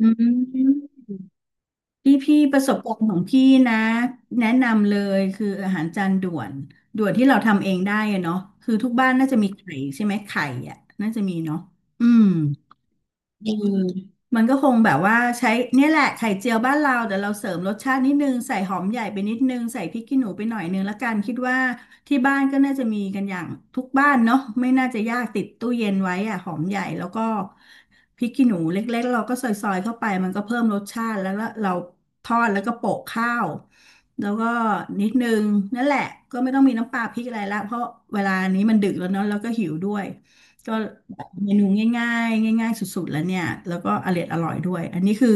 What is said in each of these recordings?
อืมพี่ประสบการณ์ของพี่นะแนะนำเลยคืออาหารจานด่วนที่เราทำเองได้อะเนาะคือทุกบ้านน่าจะมีไข่ใช่ไหมไข่อ่ะน่าจะมีเนาะอืม อืมมันก็คงแบบว่าใช้เนี่ยแหละไข่เจียวบ้านเราแต่เราเสริมรสชาตินิดนึงใส่หอมใหญ่ไปนิดนึงใส่พริกขี้หนูไปหน่อยนึงละกันคิดว่าที่บ้านก็น่าจะมีกันอย่างทุกบ้านเนาะไม่น่าจะยากติดตู้เย็นไว้อะหอมใหญ่แล้วก็พริกขี้หนูเล็กๆเราก็ซอยๆเข้าไปมันก็เพิ่มรสชาติแล้วละเราทอดแล้วก็โปะข้าวแล้วก็นิดนึงนั่นแหละก็ไม่ต้องมีน้ำปลาพริกอะไรละเพราะเวลานี้มันดึกแล้วเนาะแล้วก็หิวด้วย ก็แบบเมนูง่ายๆง่ายๆสุดๆแล้วเนี่ยแล้วก็อร่อยด้วยอันนี้คือ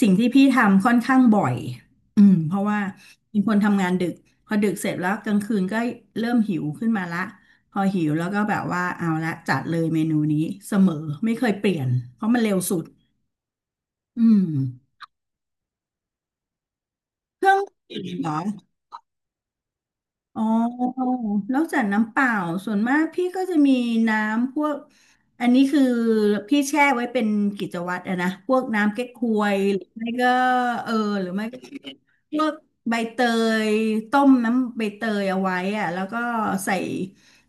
สิ่งที่พี่ทำค่อนข้างบ่อยอืมเพราะว่าเป็นคนทำงานดึกพอดึกเสร็จแล้วกลางคืนก็เริ่มหิวขึ้นมาละพอหิวแล้วก็แบบว่าเอาละจัดเลยเมนูนี้เสมอไม่เคยเปลี่ยนเพราะมันเร็วสุดอืมเครื่องดื่มเหรอ อ๋อนอกจากน้ำเปล่าส่วนมากพี่ก็จะมีน้ำพวกอันนี้คือพี่แช่ไว้เป็นกิจวัตรอะนะพวกน้ำเก๊กฮวยหรือไม่ก็เออหรือไม่ก็พวกใบเตยต้มน้ำใบเตยเอาไว้อะแล้วก็ใส่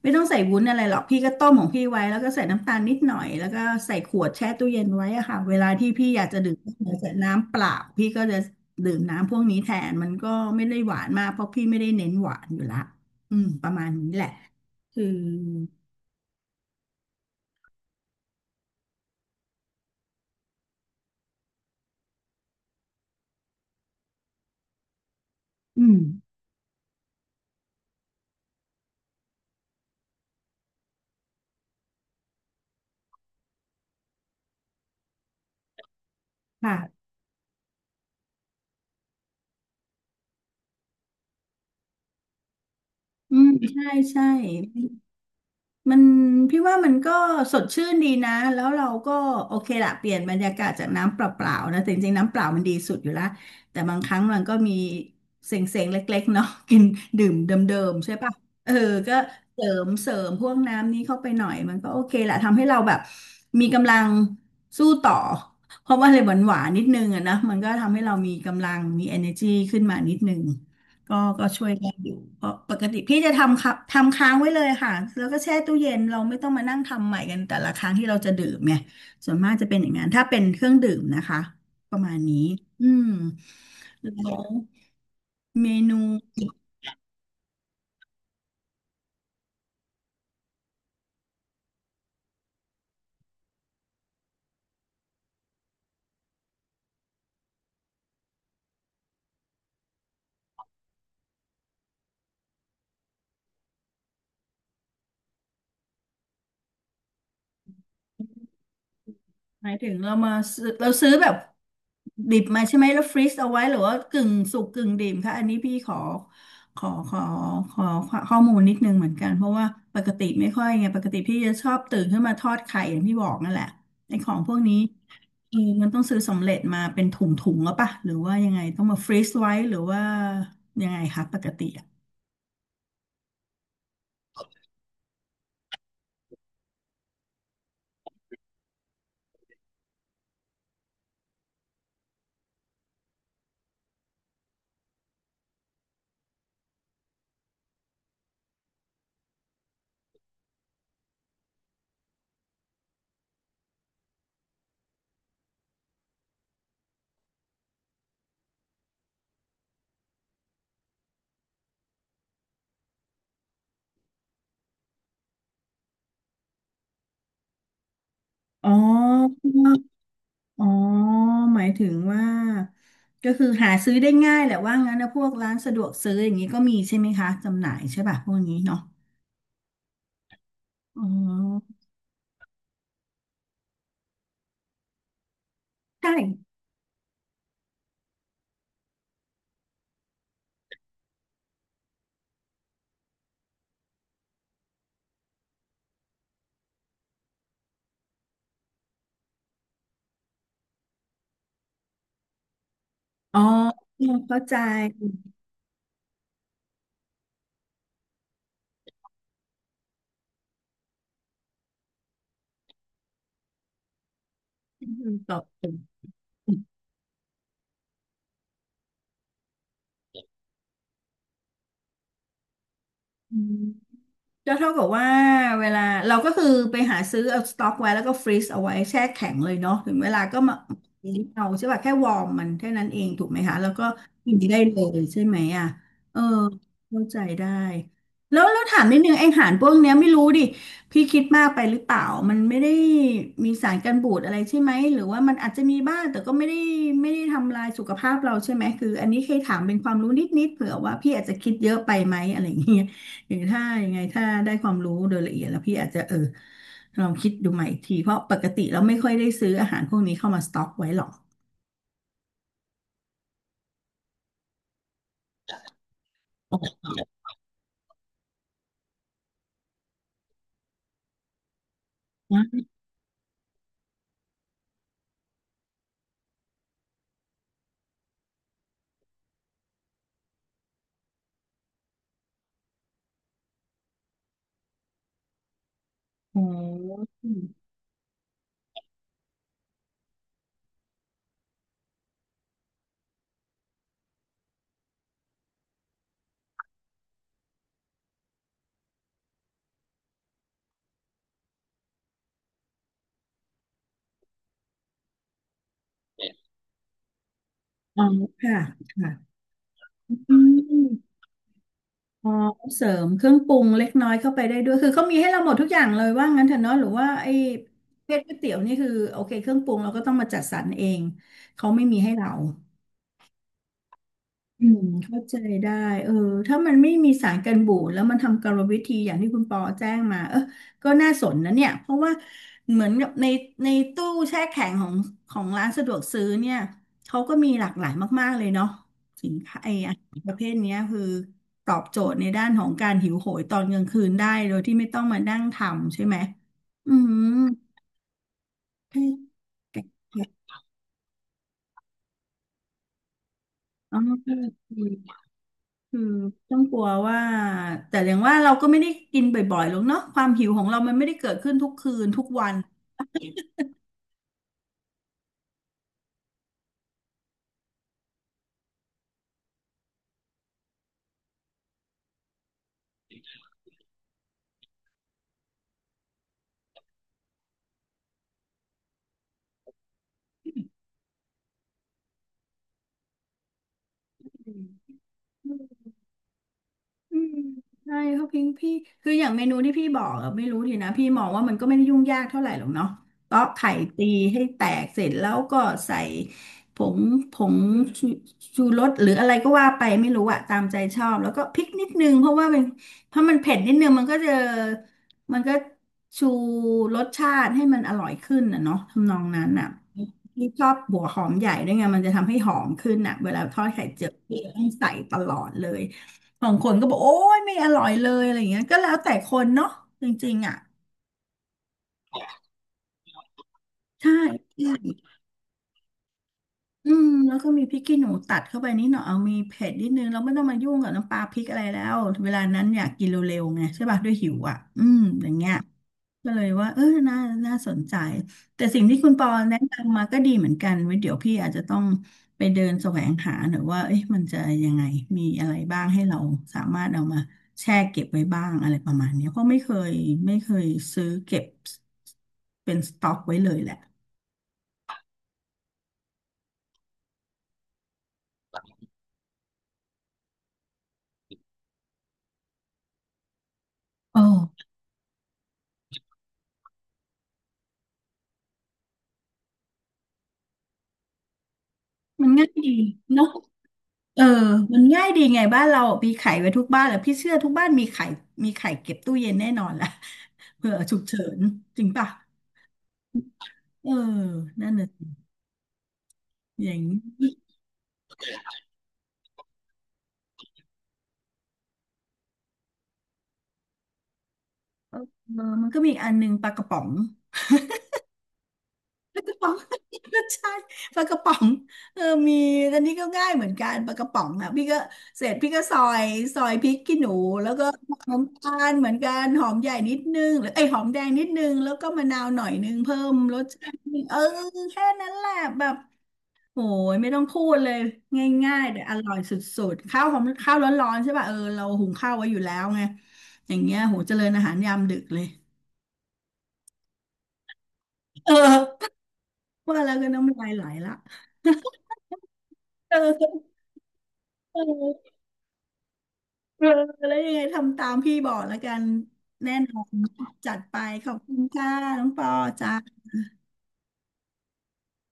ไม่ต้องใส่วุ้นอะไรหรอกพี่ก็ต้มของพี่ไว้แล้วก็ใส่น้ำตาลนิดหน่อยแล้วก็ใส่ขวดแช่ตู้เย็นไว้อะค่ะเวลาที่พี่อยากจะดื่มเหลือจากน้ำเปล่าพี่ก็จะ ดื่มน้ำพวกนี้แทนมันก็ไม่ได้หวานมากเพราะพี่ไม่ได้เน้นหวานอยู่ละอืมประมาณนี้แหละคืออืมค่ะอืมใช่ใช่ มันพี่ว่ามันก็สดชื่นดีนะแล้วเราก็โอเคละเปลี่ยนบรรยากาศจากน้ำเปล่าๆนะแต่จริงๆน้ำเปล่ามันดีสุดอยู่ละแต่บางครั้งมันก็มีเซ็งๆเล็กๆเนาะ กินดื่มเดิมๆใช่ปะเออก็เสริมพวกน้ำนี้เข้าไปหน่อยมันก็โอเคละทำให้เราแบบมีกำลังสู้ต่อเพราะว่าอะไรหวานๆนิดนึงอะนะมันก็ทำให้เรามีกำลังมี energy ขึ้นมานิดนึง ก็ช่วยได้อยู่เพราะปกติพี่จะทำค่ะทำค้างไว้เลยค่ะแล้วก็แช่ตู้เย็นเราไม่ต้องมานั่งทำใหม่กันแต่ละครั้งที่เราจะดื่มเนี่ยส่วนมากจะเป็นอย่างนั้นถ้าเป็นเครื่องดื่มนะคะประมาณนี้อืมแล้วเมนู หมายถึงเรามาซื้อเราซื้อแบบดิบมาใช่ไหมแล้วฟรีซเอาไว้หรือว่ากึ่งสุกกึ่งดิบคะอันนี้พี่ขอขอขอข้อมูลนิดนึงเหมือนกันเพราะว่าปกติไม่ค่อยไงปกติพี่จะชอบตื่นขึ้นมาทอดไข่อย่างที่บอกนั่นแหละไอ้ของพวกนี้เออมันต้องซื้อสำเร็จมาเป็นถุงแล้วปะหรือว่ายังไงต้องมาฟรีซไว้หรือว่ายังไงคะปกติอะอ๋อ อ๋อหมายถึงว่าก็คือหาซื้อได้ง่ายแหละว่างั้นนะพวกร้านสะดวกซื้ออย่างนี้ก็มีใช่ไหมคะจำหน่ายใช่ป่ะพวกนี้เนาะอ๋อใช่อ๋อเข้าใจอืมตอบถูกอืม ก็เท่ากับว่าเวลาเราก็คือไปหาซื้อเอาสต็อกไว้แล้วก็ฟรีซเอาไว้แช่แข็งเลยเนาะถึงเวลาก็มาลิ้เอาใช่ป่ะแค่วอร์มมันแค่นั้นเองถูกไหมคะแล้วก็กินได้เลยใช่ไหมอ่ะเออเข้าใจได้แล้วถามนิดนึงไออาหารพวกเนี้ยไม่รู้ดิพี่คิดมากไปหรือเปล่ามันไม่ได้มีสารกันบูดอะไรใช่ไหมหรือว่ามันอาจจะมีบ้างแต่ก็ไม่ได้ทำลายสุขภาพเราใช่ไหมคืออันนี้เคยถามเป็นความรู้นิดๆเผื่อว่าพี่อาจจะคิดเยอะไปไหมอะไรอย่างเงี้ย หรือถ้ายังไงถ้าได้ความรู้โดยละเอียดแล้วพี่อาจจะเออลองคิดดูใหม่อีกทีเพราะปกติเราไม่ค่อยได้ซื้ออาหารพวกนี้เข้ามาสต็อกไว้หรอก โอนะค่ะค่ะอืมพอเสริมเครื่องปรุงเล็กน้อยเข้าไปได้ด้วยคือเขามีให้เราหมดทุกอย่างเลยว่างั้นเถอะเนาะหรือว่าไอ้ประเภทก๋วยเตี๋ยวนี่คือโอเคเครื่องปรุงเราก็ต้องมาจัดสรรเองเขาไม่มีให้เรา เข้าใจได้เออถ้ามันไม่มีสารกันบูดแล้วมันทำกรรมวิธีอย่างที่คุณปอแจ้งมาก็น่าสนนะเนี่ยเพราะว่าเหมือนกับในตู้แช่แข็งของร้านสะดวกซื้อเนี่ยเขาก็มีหลากหลายมากๆเลยเนาะสินค้าไอ้อาหารประเภทเนี้ยคือตอบโจทย์ในด้านของการหิวโหยตอนกลางคืนได้โดยที่ไม่ต้องมานั่งทำใช่ไหมอืมแ่แอ๋อ คือต้องกลัวว่าแต่อย่างว่าเราก็ไม่ได้กินบ่อยๆหรอกเนาะความหิวของเรามันไม่ได้เกิดขึ้นทุกคืนทุกวัน อืมใช่เขาพิงพี่คืออย่างเมนูที่พี่บอกอะไม่รู้ดีนะพี่มองว่ามันก็ไม่ได้ยุ่งยากเท่าไหร่หรอกเนาะตอกไข่ตีให้แตกเสร็จแล้วก็ใส่ผงผงชูชูรสหรืออะไรก็ว่าไปไม่รู้อะตามใจชอบแล้วก็พริกนิดนึงเพราะมันเผ็ดนิดนึงมันก็ชูรสชาติให้มันอร่อยขึ้นนะเนาะทำนองนั้นอะพี่ชอบหัวหอมใหญ่ด้วยไงมันจะทำให้หอมขึ้นอะเวลาทอดไข่เจียวพี่ต้องใส่ตลอดเลย บางคนก็บอกโอ้ยไม่อร่อยเลยอะไรอย่างเงี้ยก็แล้วแต่คนเนาะจริงๆอ่ะใช่ อืมแล้วก็มีพริกขี้หนูตัดเข้าไปนิดหน่อยเอามีเผ็ดนิดนึงเราไม่ต้องมายุ่งกับน้ำปลาพริกอะไรแล้วเวลานั้นอยากกินเร็วๆไงใช่ป่ะด้วยหิวอ่ะอืมอย่างเงี้ยก็เลยว่าน่าสนใจแต่สิ่งที่คุณปอแนะนำมาก็ดีเหมือนกันไว้เดี๋ยวพี่อาจจะต้องไปเดินแสวงหาหน่อยว่าเอ๊ะมันจะยังไงมีอะไรบ้างให้เราสามารถเอามาแช่เก็บไว้บ้างอะไรประมาณเนี้ยเพราะไม่เคยซื้อเก็บเป็นสต็อกไว้เลยแหละโอ้มันง่ายดีเนาะ เออมันง่ายดีไงบ้านเรามีไข่ไว้ทุกบ้านแหละพี่เชื่อทุกบ้านมีไข่มีไข่เก็บตู้เย็นแน่นอนแหละ เผื่อฉุกเฉินจริงป่ะเออนั่นน่ะสิอย่างนี้เออมันก็มีอกอันหนึงปลากระป๋องปลากระป๋อง ก็ใช่ปลากระป๋องเออมีอันนี้ก็ง่ายเหมือนกันปลากระป๋องอ่ะพี่ก็เสร็จพี่ก็ซอยพริกขี้หนูแล้วก็น้ำตาลเหมือนกันหอมใหญ่นิดนึงหรือไอยหอมแดงนิดนึงแล้วก็มะนาวหน่อยนึงเพิ่มรสชาติเออแค่นั้นแหละแบบ โหยไม่ต้องพูดเลยง่ายๆแต่อร่อยสุดๆข้าวหอมข้าวร้อนๆใช่ป่ะเออเราหุงข้าวไว้อยู่แล้วไงอย่างเงี้ยโหเจริญอาหารยามดึกเลยเออว่าแล้วก็น้ำลายไหลละ เออเออเออแล้วยังไงทำตามพี่บอกแล้วกันแน่นอนจัดไปขอบคุณค่ะน้องปอจ้า